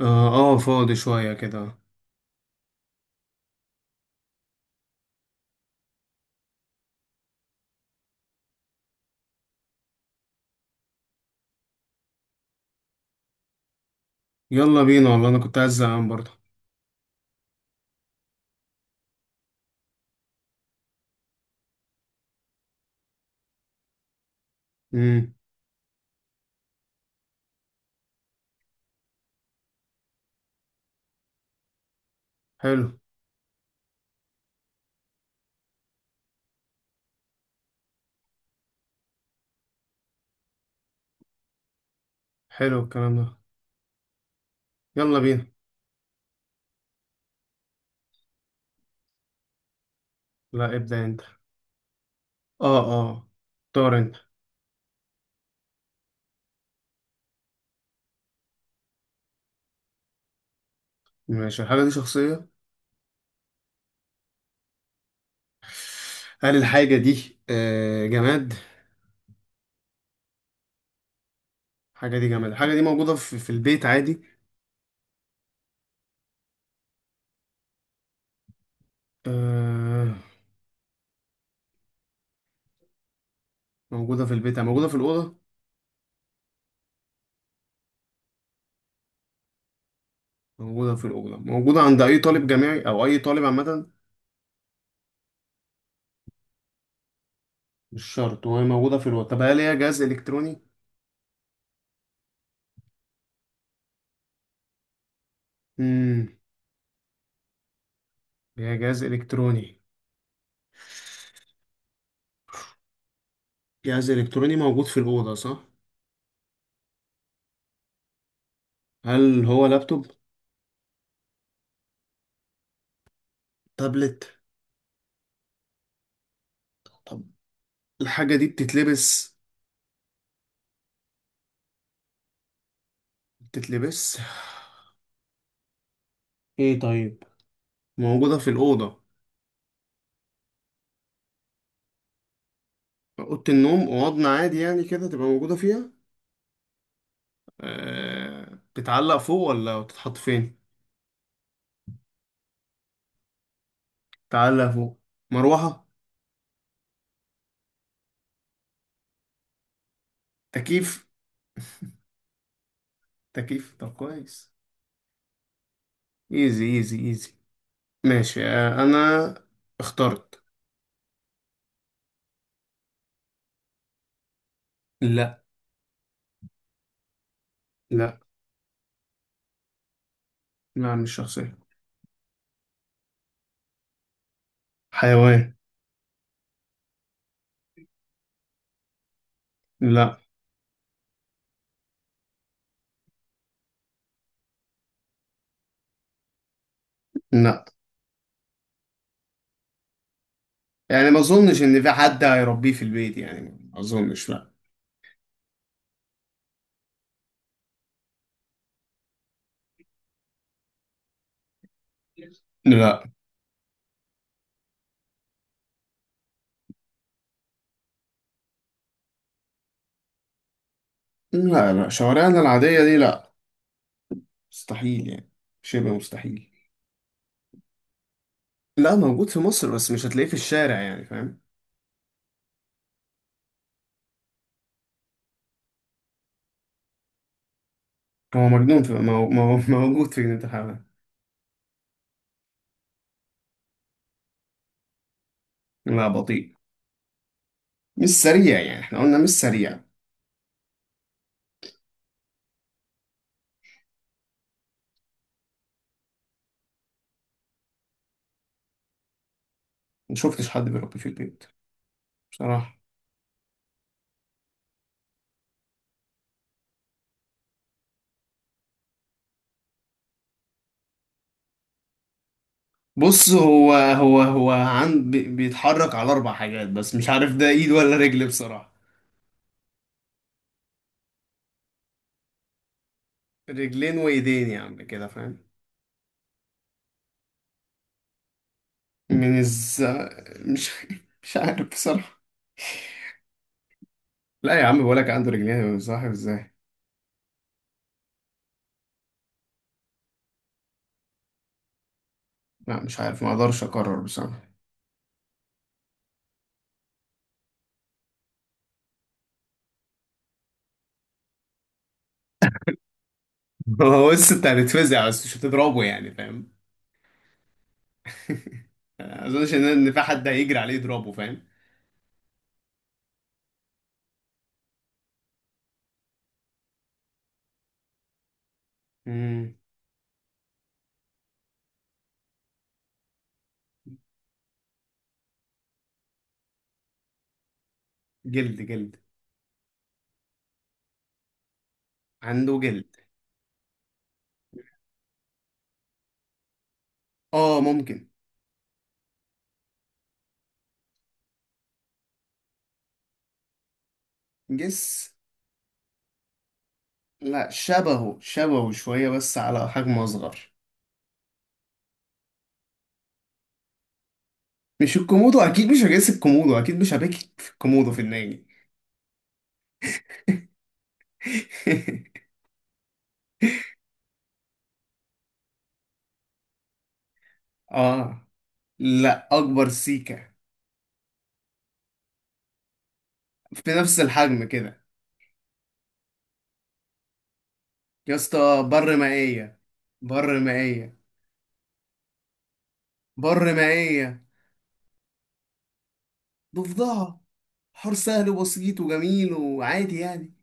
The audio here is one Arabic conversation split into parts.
اه. آه، فاضي شوية كده. يلا بينا والله، انا كنت عايز زهقان برضه. امم حلو. حلو الكلام ده. يلا بينا. لا، ابدأ انت. اه اه، اختار انت. ماشي. الحاجة دي شخصية؟ هل الحاجة دي جماد؟ الحاجة دي جماد. الحاجة دي موجودة في البيت عادي؟ آه. موجودة في البيت، موجودة في الأوضة. موجودة في الأوضة، موجودة عند أي طالب جامعي أو أي طالب عامة. مش شرط. وهي موجودة في الأوضة. طب هل هي جهاز إلكتروني؟ امم هي جهاز إلكتروني. جهاز إلكتروني موجود في الأوضة صح؟ هل هو لابتوب؟ تابلت؟ طب الحاجة دي بتتلبس؟ بتتلبس؟ إيه طيب؟ موجودة في الأوضة. أوضة النوم، أوضنا عادي يعني كده، تبقى موجودة فيها؟ بتتعلق فوق ولا بتتحط فين؟ بتتعلق فوق. مروحة؟ تكييف؟ تكييف. طب كويس. إيزي إيزي إيزي. ماشي. أنا اخترت. لا. لا. لا، مش شخصية. حيوان. لا. لا يعني ما اظنش ان في حد هيربيه في البيت، يعني ما اظنش. لا لا. لا. لا، شوارعنا العادية دي لا. مستحيل يعني. شبه مستحيل. لا، موجود في مصر بس مش هتلاقيه في الشارع يعني، فاهم؟ هو مجنون في موجود في جنينة الحيوان. لا، بطيء. مش سريع يعني. احنا قلنا مش سريع. ما شفتش حد بيربيه في البيت بصراحة. بص، هو بيتحرك على أربع حاجات، بس مش عارف ده إيد ولا رجل بصراحة. رجلين وإيدين يعني كده، فاهم؟ من الز مش مش عارف بصراحة. لا يا عم، بقولك عنده رجلين، صاحب ازاي؟ لا، مش عارف، ما اقدرش اقرر بصراحة. هو بس انت هتتفزع، بس مش هتضربه يعني، فاهم؟ ما اظنش ان في حد هيجري عليه يضربه، فاهم؟ مم. جلد جلد. عنده جلد. اه ممكن. جس. لا، شبهه شبهه شوية، بس على حجم اصغر. مش الكومودو. اكيد مش هجس الكومودو. اكيد مش هبكي في الكومودو في النادي. اه. لا، اكبر. سيكا؟ في نفس الحجم كده. يا اسطى، بر مائية. بر مائية. بر مائية. ضفدعة. حوار سهل وبسيط وجميل وعادي يعني.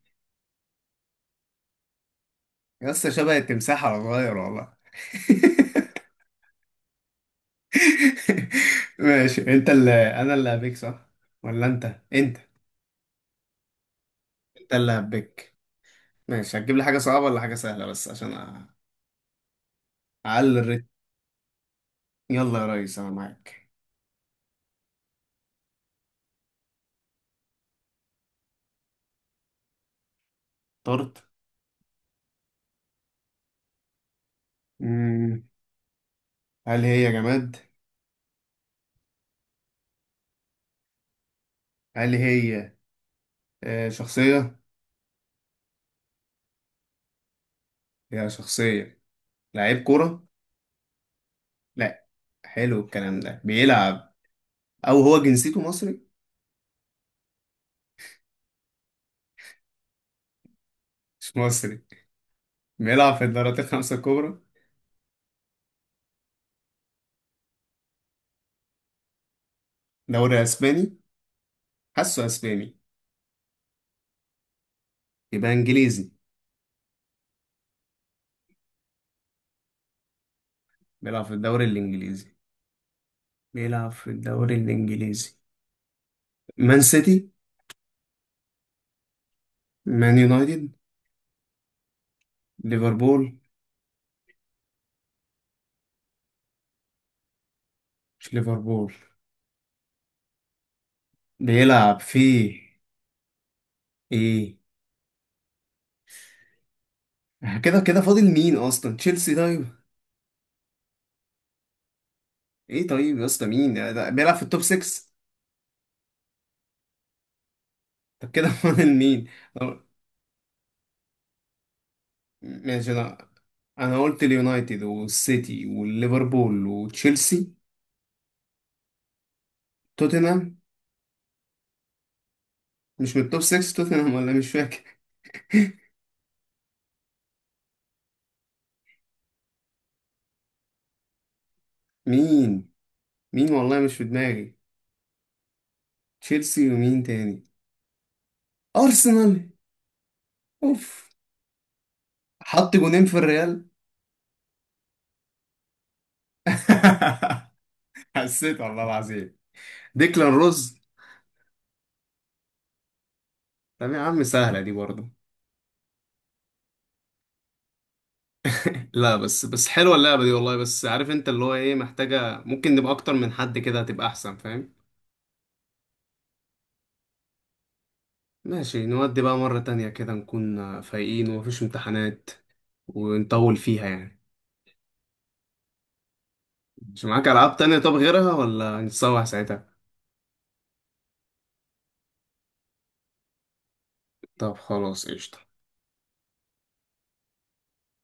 يا اسطى، شبه التمساح على صغير والله. ماشي، انت اللي انا اللي هبيك، صح؟ ولا انت انت اللي هبيك. ماشي، هتجيب لي حاجة صعبة ولا حاجة سهلة بس عشان اعلي الريتم. يلا يا ريس، انا معاك. طرت؟ مم. هل هي جماد؟ هل هي شخصية؟ هي شخصية. لعيب كورة. لا. حلو الكلام ده، بيلعب. او هو جنسيته مصري. مش مصري. بيلعب في الدوريات الخمسة الكبرى. دوري اسباني. حاسه اسباني. يبقى انجليزي. بيلعب في الدوري الانجليزي. بيلعب في الدوري الانجليزي. مان سيتي. مان يونايتد. ليفربول. مش ليفربول. بيلعب في ايه؟ كده كده فاضل مين اصلا. تشيلسي طيب؟ ايه طيب يا اسطى، مين ده بيلعب في التوب 6؟ طب كده فاضل مين؟ طب ماشي. لا، انا قلت اليونايتد والسيتي والليفربول وتشيلسي. توتنهام. مش من التوب 6 توتنهام، ولا مش فاكر؟ مين مين والله، مش في دماغي. تشيلسي ومين تاني؟ ارسنال. اوف. حط جونين في الريال. حسيت والله العظيم. ديكلان روز. طب يا عم، سهلة دي برضه. لا، بس حلوة اللعبة دي والله، بس عارف انت اللي هو ايه، محتاجة ممكن نبقى اكتر من حد كده، هتبقى احسن، فاهم؟ ماشي نودي بقى مرة تانية كده، نكون فايقين ومفيش امتحانات، ونطول فيها يعني. مش معاك ألعاب تانية؟ طب غيرها ولا نتسوح ساعتها. طب خلاص، قشطة.